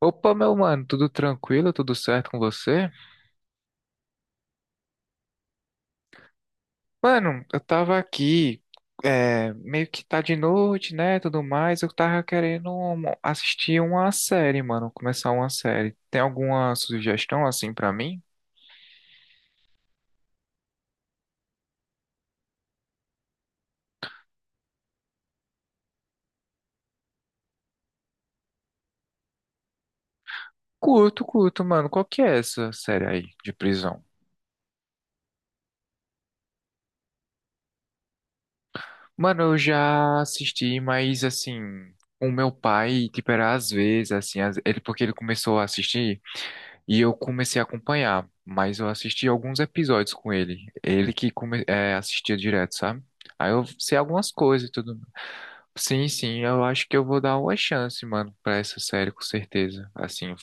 Opa, meu mano, tudo tranquilo? Tudo certo com você? Mano, eu tava aqui, meio que tá de noite, né, tudo mais. Eu tava querendo assistir uma série, mano, começar uma série. Tem alguma sugestão assim pra mim? Curto, curto, mano. Qual que é essa série aí de prisão? Mano, eu já assisti, mas assim, o meu pai, tipo, era às vezes, assim, às- ele porque ele começou a assistir. E eu comecei a acompanhar, mas eu assisti alguns episódios com ele. Ele que assistia direto, sabe? Aí eu sei algumas coisas e tudo. Sim, sim, eu acho que eu vou dar uma chance, mano, pra essa série, com certeza. Assim,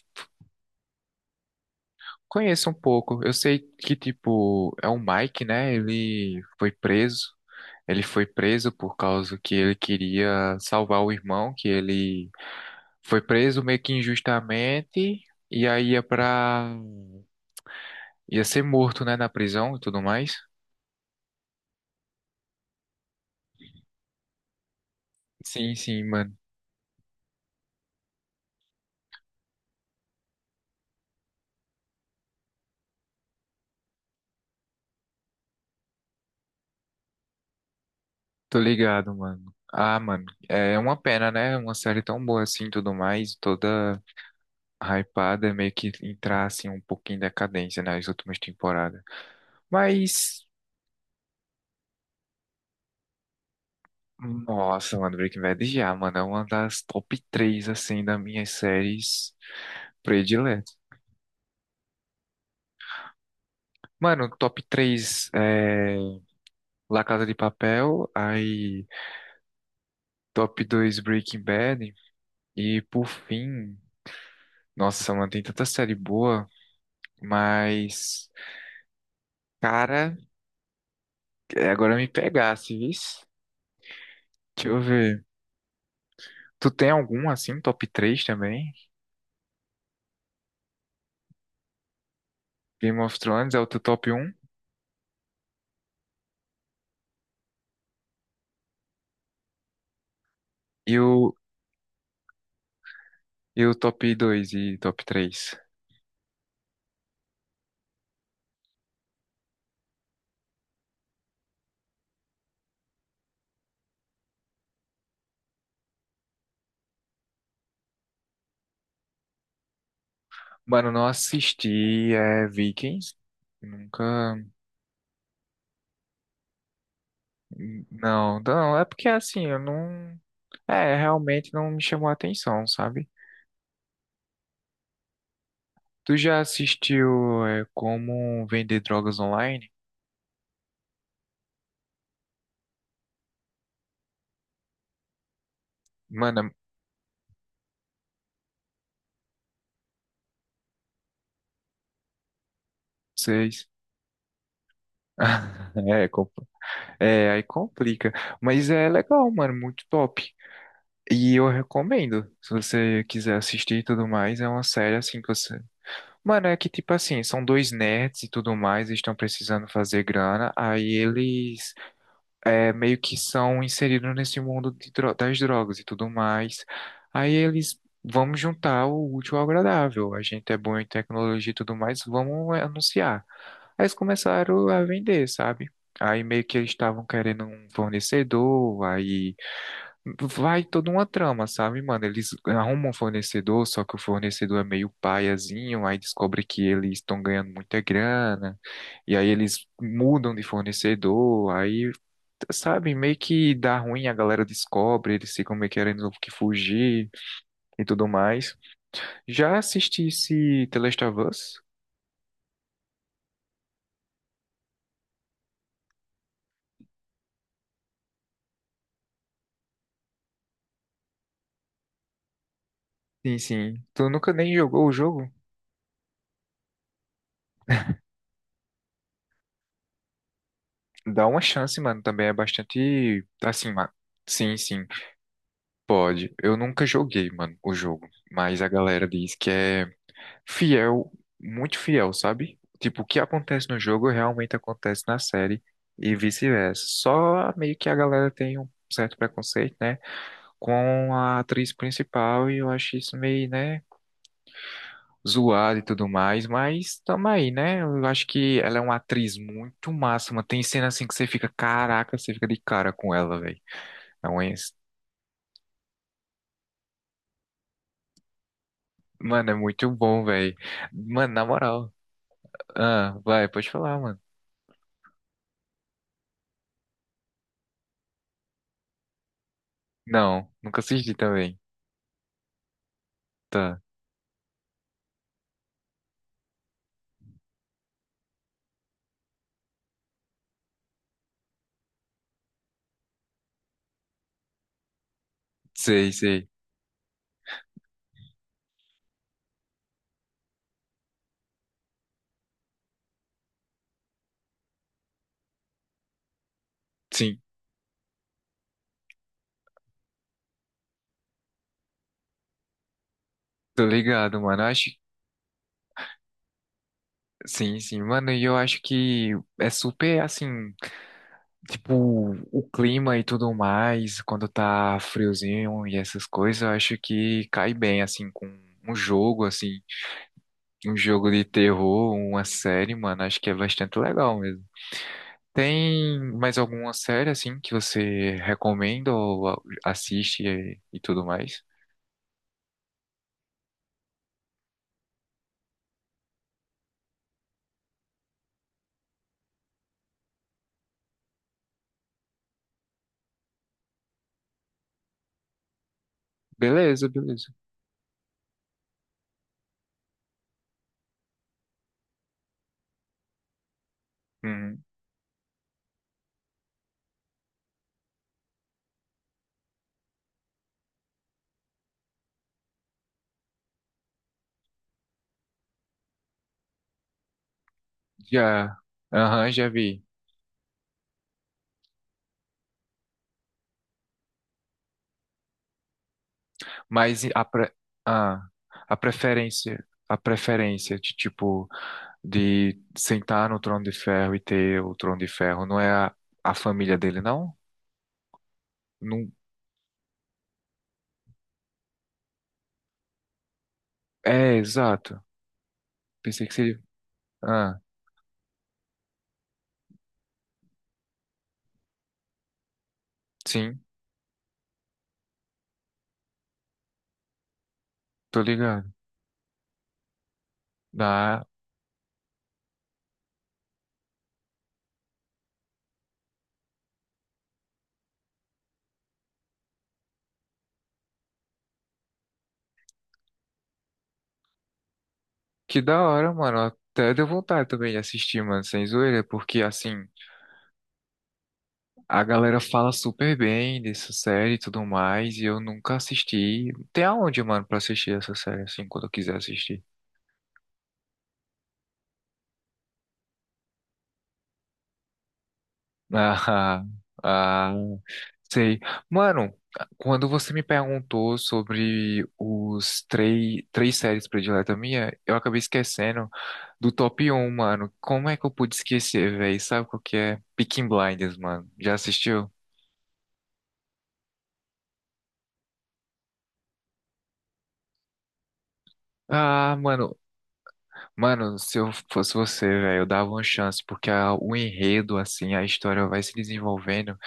conheço um pouco. Eu sei que, tipo, é o Mike, né? Ele foi preso. Ele foi preso por causa que ele queria salvar o irmão, que ele foi preso meio que injustamente. E aí ia ser morto, né, na prisão e tudo mais. Sim, sim, mano. Tô ligado, mano. Ah, mano, é uma pena, né? Uma série tão boa assim, tudo mais, toda hypada, é meio que entrar assim um pouquinho em decadência nas últimas temporadas. Mas, nossa, mano, Breaking Bad já, mano, é uma das top três assim, das minhas séries prediletas. Mano, top três é La Casa de Papel, aí top dois Breaking Bad, e por fim, nossa, mano, tem tanta série boa, mas. Cara, agora me pegasse, vis. Deixa eu ver. Tu tem algum assim, top 3 também? Game of Thrones é o teu top um e e o top dois e top três. Mano, não assisti Vikings. Nunca. Não, não, é porque assim, eu não. É, realmente não me chamou a atenção, sabe? Tu já assistiu Como Vender Drogas Online? Mano, é, vocês. É, é, aí complica. Mas é legal, mano, muito top. E eu recomendo, se você quiser assistir e tudo mais, é uma série assim que você. Mano, é que tipo assim, são dois nerds e tudo mais, eles estão precisando fazer grana, aí eles meio que são inseridos nesse mundo de das drogas e tudo mais. Aí eles vamos juntar o útil ao agradável. A gente é bom em tecnologia e tudo mais, vamos anunciar. Aí eles começaram a vender, sabe? Aí meio que eles estavam querendo um fornecedor, aí vai toda uma trama, sabe, mano? Eles arrumam um fornecedor, só que o fornecedor é meio paiazinho, aí descobre que eles estão ganhando muita grana, e aí eles mudam de fornecedor, aí sabe, meio que dá ruim, a galera descobre, eles ficam meio querendo que fugir e tudo mais. Já assisti esse The Last of Us? Sim, sim. Tu nunca nem jogou o jogo? Dá uma chance, mano, também é bastante, assim, ma- sim, sim, pode. Eu nunca joguei, mano, o jogo, mas a galera diz que é fiel, muito fiel, sabe? Tipo, o que acontece no jogo realmente acontece na série e vice-versa. Só meio que a galera tem um certo preconceito, né, com a atriz principal, e eu acho isso meio, né, zoado e tudo mais, mas tamo aí, né? Eu acho que ela é uma atriz muito massa, mano. Tem cena assim que você fica, caraca, você fica de cara com ela, velho. É uma... ins- Mano, é muito bom, velho. Mano, na moral. Ah, vai, pode falar, mano. Não, nunca assisti também. Tá, sei, sei. Sim, tô ligado, mano. Eu acho. Sim, sim, mano, e eu acho que é super assim. Tipo, o clima e tudo mais, quando tá friozinho e essas coisas, eu acho que cai bem, assim, com um jogo, assim, um jogo de terror, uma série, mano, acho que é bastante legal mesmo. Tem mais alguma série, assim, que você recomenda ou assiste e tudo mais? Beleza, beleza. Uhum, já, aham, já vi. Mas a, pre... ah, a preferência de, tipo... de sentar no trono de ferro e ter o trono de ferro. Não é a família dele, não? Não. É, exato. Pensei que seria. Ah, sim, tô ligado. Ah, que da hora, mano. Até deu vontade também de assistir, mano, sem zoeira, porque assim, a galera fala super bem dessa série e tudo mais, e eu nunca assisti. Tem aonde, mano, pra assistir essa série, assim, quando eu quiser assistir? Ah, ah, sei. Mano, quando você me perguntou sobre três séries prediletas minha, eu acabei esquecendo do top um mano. Como é que eu pude esquecer, velho? Sabe qual que é? Peaky Blinders, mano. Já assistiu? Ah, mano, se eu fosse você, velho, eu dava uma chance, porque o enredo, assim, a história vai se desenvolvendo,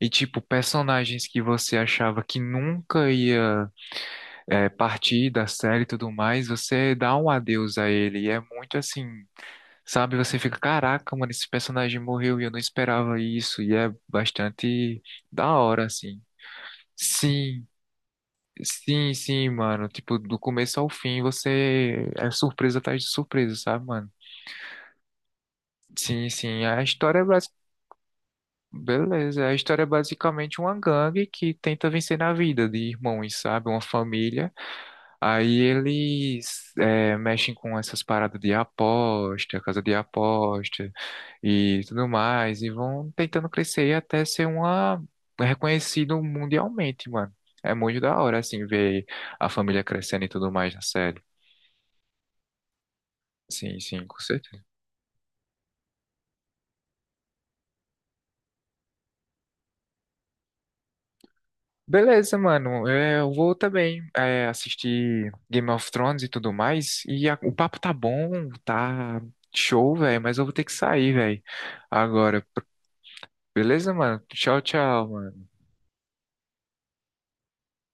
e tipo, personagens que você achava que nunca ia partida, série e tudo mais, você dá um adeus a ele. E é muito assim, sabe? Você fica, caraca, mano, esse personagem morreu e eu não esperava isso. E é bastante da hora, assim. Sim, sim, sim, mano. Tipo, do começo ao fim, você é surpresa atrás de surpresa, sabe, mano? Sim, sim. A história é basi- Beleza, a história é basicamente uma gangue que tenta vencer na vida de irmãos, sabe? Uma família. Aí eles mexem com essas paradas de aposta, casa de aposta e tudo mais, e vão tentando crescer até ser uma reconhecido mundialmente, mano. É muito da hora, assim, ver a família crescendo e tudo mais na série. Sim, sim, com certeza. Beleza, mano. Eu vou também assistir Game of Thrones e tudo mais. E o papo tá bom, tá show, velho, mas eu vou ter que sair, velho, agora. Beleza, mano? Tchau, tchau, mano.